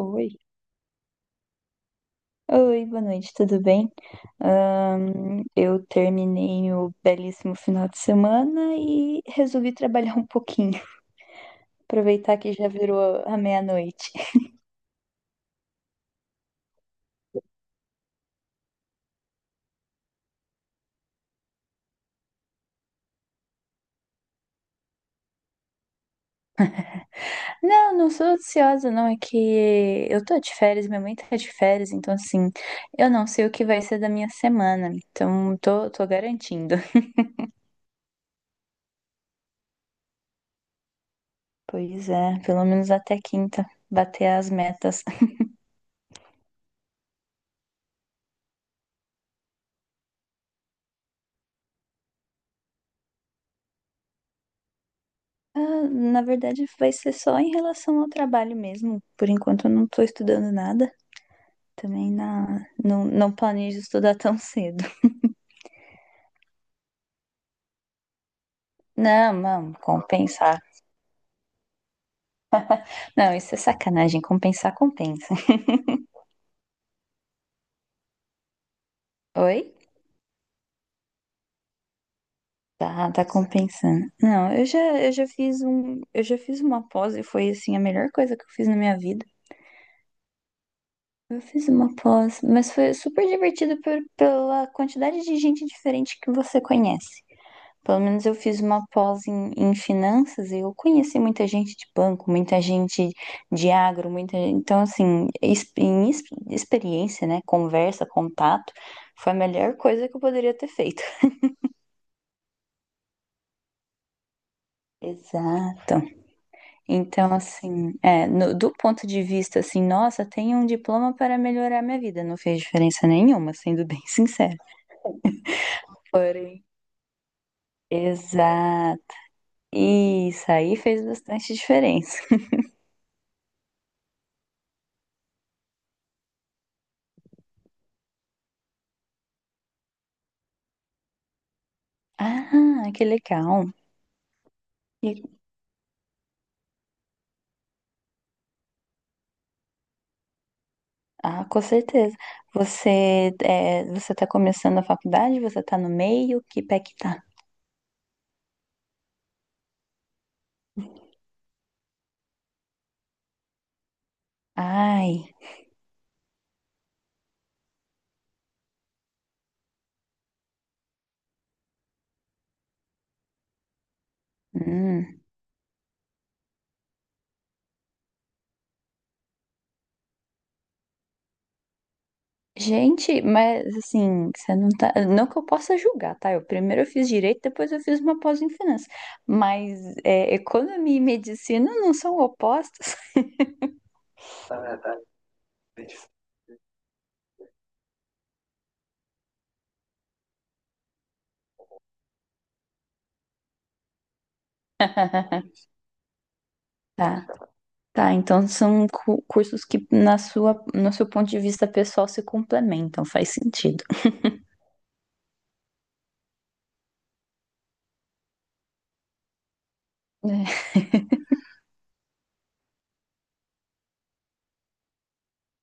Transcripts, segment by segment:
Oi, oi, boa noite, tudo bem? Eu terminei o belíssimo final de semana e resolvi trabalhar um pouquinho, aproveitar que já virou a meia-noite. Não, não sou ansiosa, não, é que eu tô de férias, minha mãe tá de férias, então assim, eu não sei o que vai ser da minha semana, então tô garantindo. Pois é, pelo menos até quinta, bater as metas. Ah, na verdade, vai ser só em relação ao trabalho mesmo. Por enquanto, eu não estou estudando nada. Também não, não planejo estudar tão cedo. Não, não, compensar. Não, isso é sacanagem. Compensar, compensa. Oi? Tá, tá compensando. Não, eu já fiz uma pós e foi assim a melhor coisa que eu fiz na minha vida. Eu fiz uma pós, mas foi super divertido pela quantidade de gente diferente que você conhece. Pelo menos eu fiz uma pós em finanças e eu conheci muita gente de banco, muita gente de agro, muita, então assim, experiência, né, conversa, contato, foi a melhor coisa que eu poderia ter feito. Exato. Então assim, é, do ponto de vista assim, nossa, tenho um diploma para melhorar minha vida, não fez diferença nenhuma, sendo bem sincero. Porém, exato. Isso aí fez bastante diferença. Ah, que legal. E ah, com certeza. Você está começando a faculdade? Você está no meio? Que pé que tá? Ai, hum. Gente, mas assim, você não tá. Não que eu possa julgar, tá? Eu primeiro eu fiz direito, depois eu fiz uma pós em finanças. Mas é, economia e medicina não são opostos. Tá, tá. Então são cursos que no seu ponto de vista pessoal se complementam, faz sentido.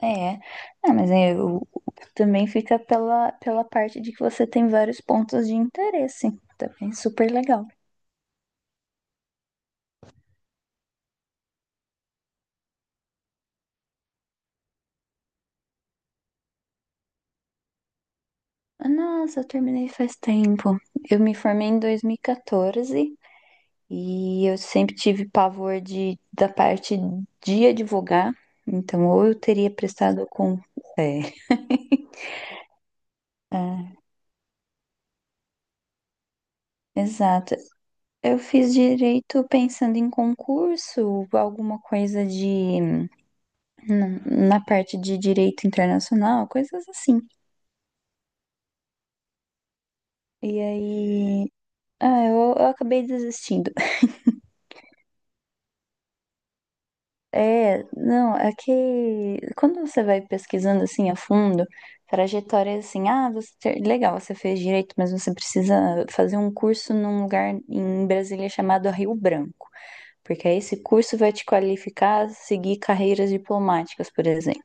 É, não, mas eu, também fica pela parte de que você tem vários pontos de interesse. Também super legal. Ah, nossa, eu terminei faz tempo. Eu me formei em 2014 e quatorze e eu sempre tive pavor da parte de advogar. Então, ou eu teria prestado com. É, é, exato. Eu fiz direito pensando em concurso, alguma coisa de. Não, na parte de direito internacional, coisas assim. E aí. Ah, eu acabei desistindo. É, não, é que quando você vai pesquisando assim a fundo, trajetória assim, você legal, você fez direito, mas você precisa fazer um curso num lugar em Brasília chamado Rio Branco, porque aí esse curso vai te qualificar a seguir carreiras diplomáticas, por exemplo.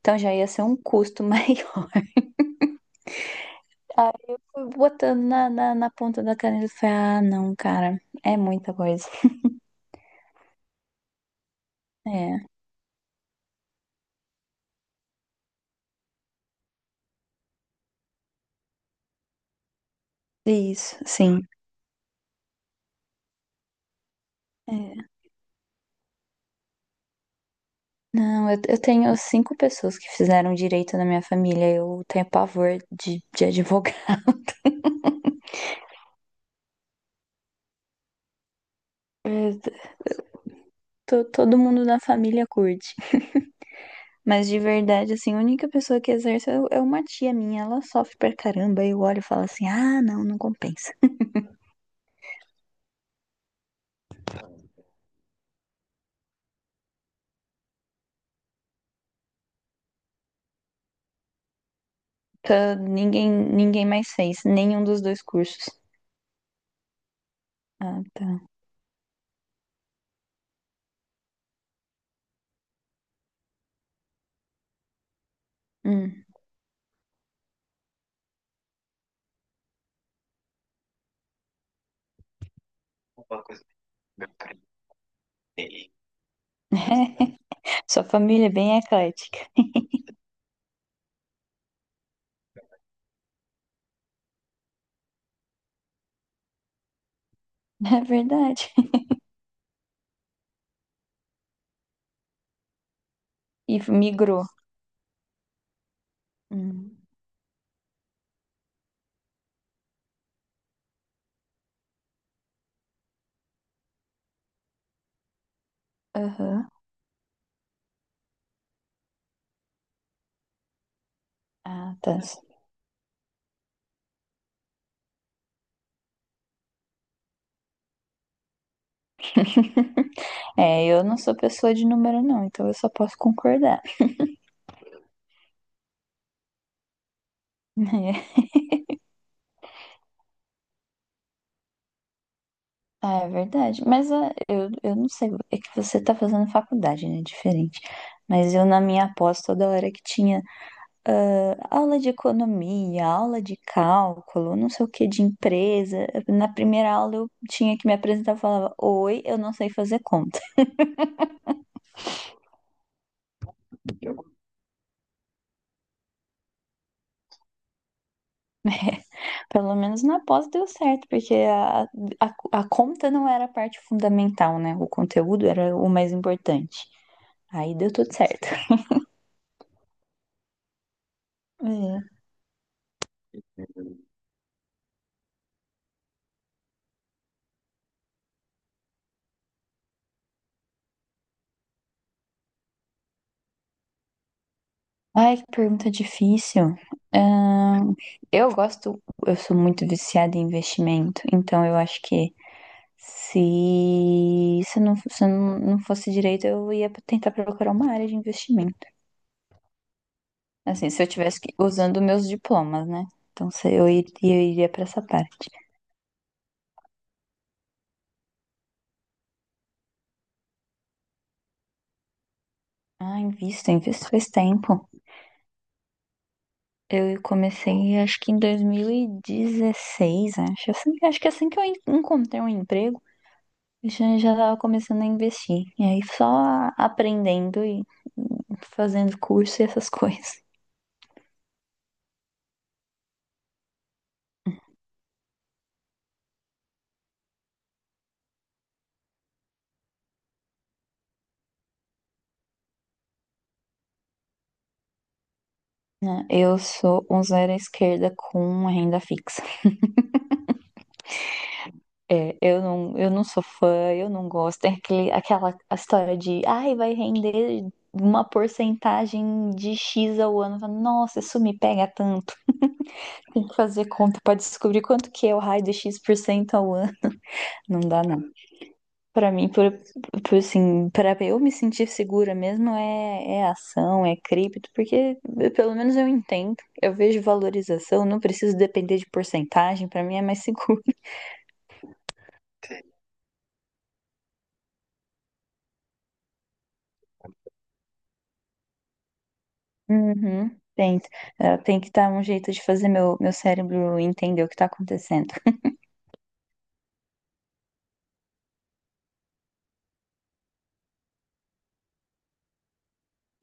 Então já ia ser um custo maior. Aí eu fui botando na ponta da caneta e falei, ah, não, cara, é muita coisa. É, isso, sim. É. Não, eu tenho cinco pessoas que fizeram direito na minha família. Eu tenho pavor de advogado. É, todo mundo da família curte. Mas de verdade, assim, a única pessoa que exerce é uma tia minha. Ela sofre pra caramba. Eu olho e falo assim, ah, não, não compensa. Tá, ninguém mais fez, nenhum dos dois cursos. Ah, tá. Hum. Sua família é bem eclética. É verdade. E migrou. Hum, Aham. Ah, tá. É, eu não sou pessoa de número, não, então eu só posso concordar. Ah, é verdade. Mas eu não sei, é que você tá fazendo faculdade, né? Diferente. Mas eu, na minha pós, toda hora que tinha aula de economia, aula de cálculo, não sei o que, de empresa. Na primeira aula eu tinha que me apresentar e falava: "Oi, eu não sei fazer conta." Pelo menos na pós deu certo, porque a conta não era a parte fundamental, né? O conteúdo era o mais importante. Aí deu tudo certo. É. Ai, que pergunta difícil. Ahn, eu gosto, eu sou muito viciada em investimento, então eu acho que se não fosse direito, eu ia tentar procurar uma área de investimento. Assim, se eu tivesse usando meus diplomas, né? Então se eu iria para essa parte. Ah, invisto faz tempo. Eu comecei, acho que em 2016, acho. É. Assim, acho que é assim que eu encontrei um emprego, eu já estava começando a investir. E aí só aprendendo e fazendo curso e essas coisas. Né? Eu sou um zero à esquerda com uma renda fixa. É, eu não sou fã, eu não gosto. Tem aquela a história de, ai, vai render uma porcentagem de X ao ano. Eu falo, "Nossa, isso me pega tanto." Tem que fazer conta pra descobrir quanto que é o raio de X% ao ano. Não dá, não. Pra mim, assim, pra eu me sentir segura mesmo é, ação, é cripto, porque pelo menos eu entendo. Eu vejo valorização, não preciso depender de porcentagem, pra mim é mais seguro. Uhum. Tem, tem que dar um jeito de fazer meu cérebro entender o que tá acontecendo.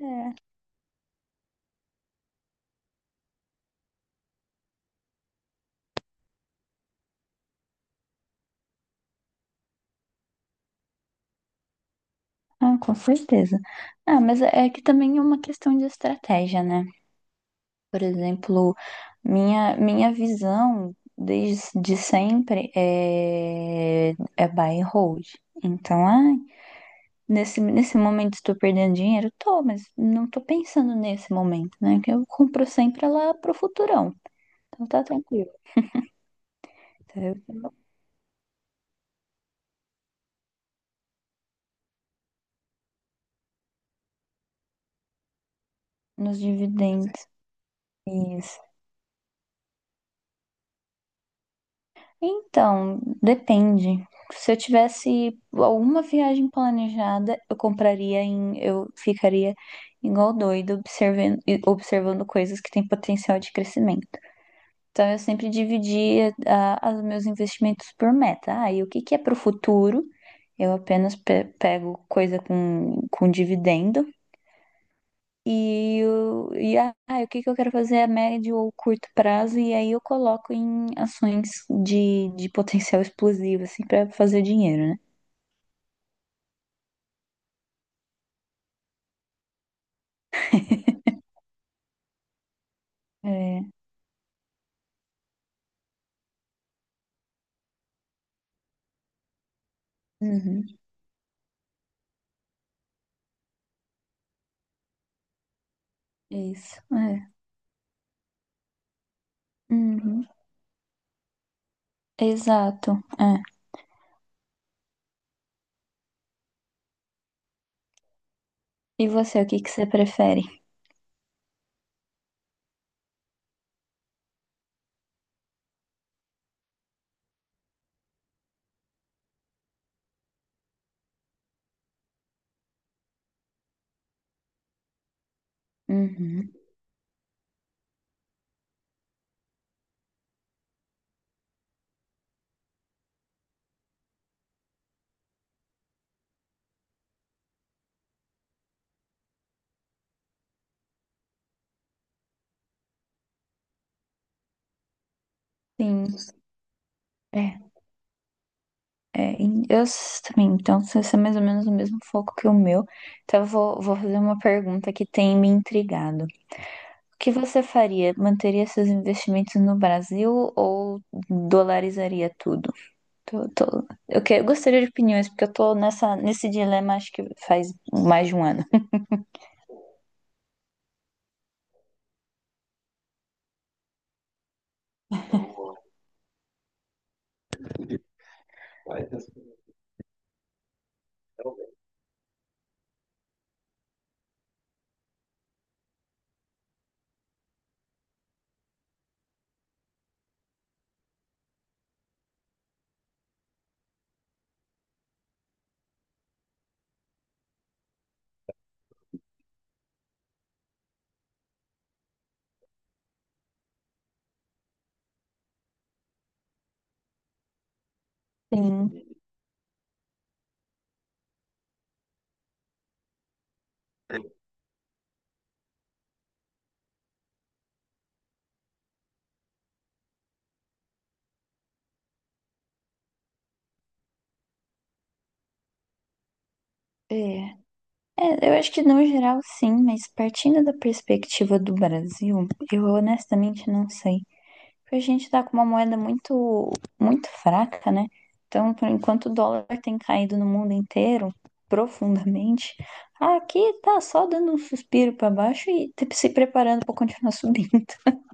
É, ah, com certeza. Ah, mas é que também é uma questão de estratégia, né? Por exemplo, minha visão desde sempre é buy and hold. Então, ai, nesse momento estou perdendo dinheiro? Tô, mas não estou pensando nesse momento, né? Que eu compro sempre lá pro futurão. Então tá tranquilo. Tá? Eu nos dividendos. Isso. Então, depende. Se eu tivesse alguma viagem planejada, eu compraria eu ficaria igual doido observando, coisas que têm potencial de crescimento. Então, eu sempre dividia os meus investimentos por meta. Ah, e o que que é para o futuro? Eu apenas pego coisa com dividendo. E o que que eu quero fazer a médio ou curto prazo, e aí eu coloco em ações de potencial explosivo, assim, pra fazer dinheiro, né? É, uhum, é isso, é, uhum, exato, é. E você, o que que você prefere? Uhum. Sim. É, é, e eu também, então você é mais ou menos o mesmo foco que o meu. Então eu vou fazer uma pergunta que tem me intrigado. O que você faria? Manteria seus investimentos no Brasil ou dolarizaria tudo? Eu gostaria de opiniões, porque eu tô nesse dilema acho que faz mais de um ano. Sim. É. É, eu acho que no geral sim, mas partindo da perspectiva do Brasil, eu honestamente não sei. Porque a gente tá com uma moeda muito, muito fraca, né? Então, por enquanto o dólar tem caído no mundo inteiro profundamente, aqui tá só dando um suspiro para baixo e se preparando para continuar subindo.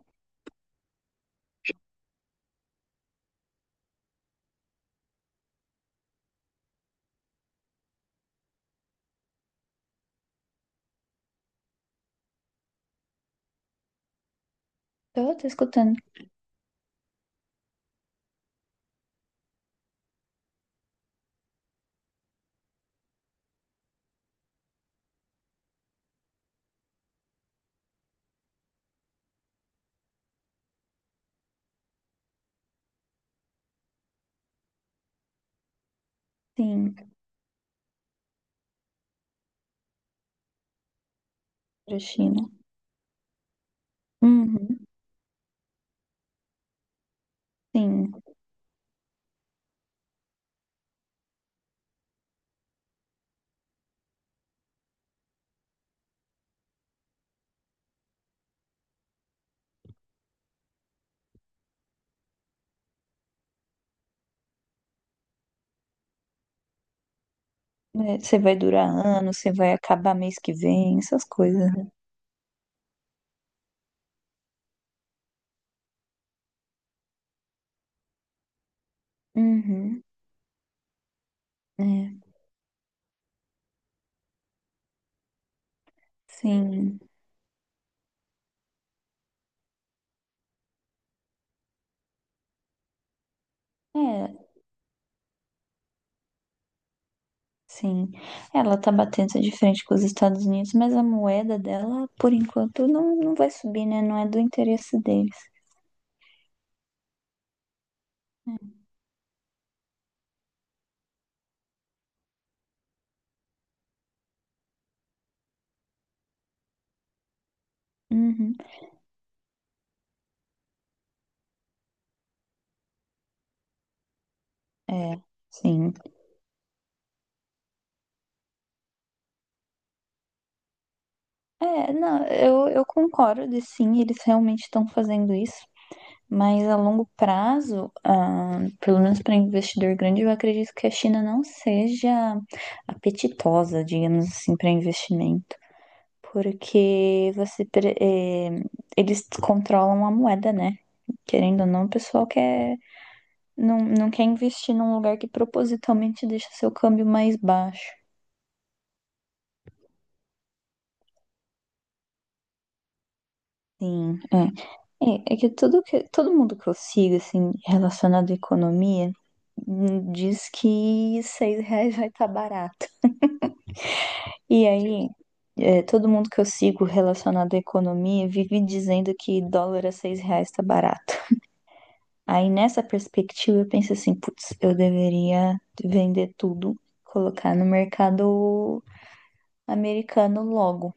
Eu tô escutando, sim, pra China. Uhum, sim. É, você vai durar anos, você vai acabar mês que vem, essas coisas, né? Uhum, é, sim. É, sim, ela tá batendo de frente com os Estados Unidos, mas a moeda dela, por enquanto, não, não vai subir, né? Não é do interesse deles. Uhum. É, sim. É, não, eu concordo, sim, eles realmente estão fazendo isso, mas a longo prazo, ah, pelo menos para investidor grande, eu acredito que a China não seja apetitosa, digamos assim, para investimento. Porque eles controlam a moeda, né? Querendo ou não, o pessoal quer, não, não quer investir num lugar que propositalmente deixa seu câmbio mais baixo. Sim, é. É, é que tudo que todo mundo que eu sigo, assim, relacionado à economia, diz que R$ 6 vai estar barato. E aí, é, todo mundo que eu sigo relacionado à economia vive dizendo que dólar a R$ 6 está barato. Aí nessa perspectiva eu penso assim, putz, eu deveria vender tudo, colocar no mercado americano logo.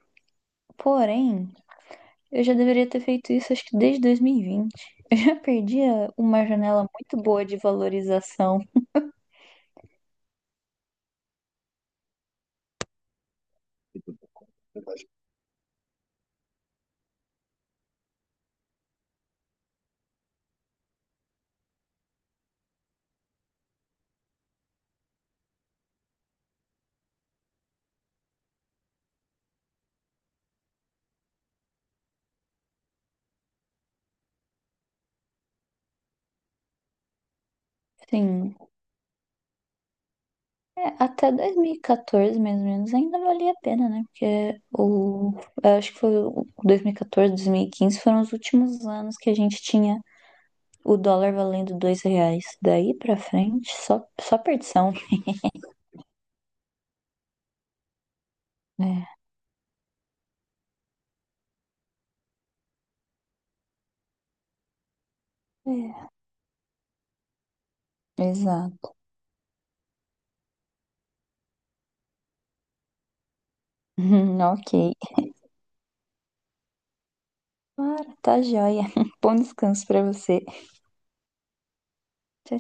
Porém, eu já deveria ter feito isso acho que desde 2020. Eu já perdi uma janela muito boa de valorização. Sim, é, até 2014 mais ou menos ainda valia a pena, né? Porque o eu acho que foi o 2014, 2015 foram os últimos anos que a gente tinha o dólar valendo R$ 2 daí pra frente, só perdição. É, é, exato. Ok. Claro, tá joia. Bom descanso pra você. Tchau,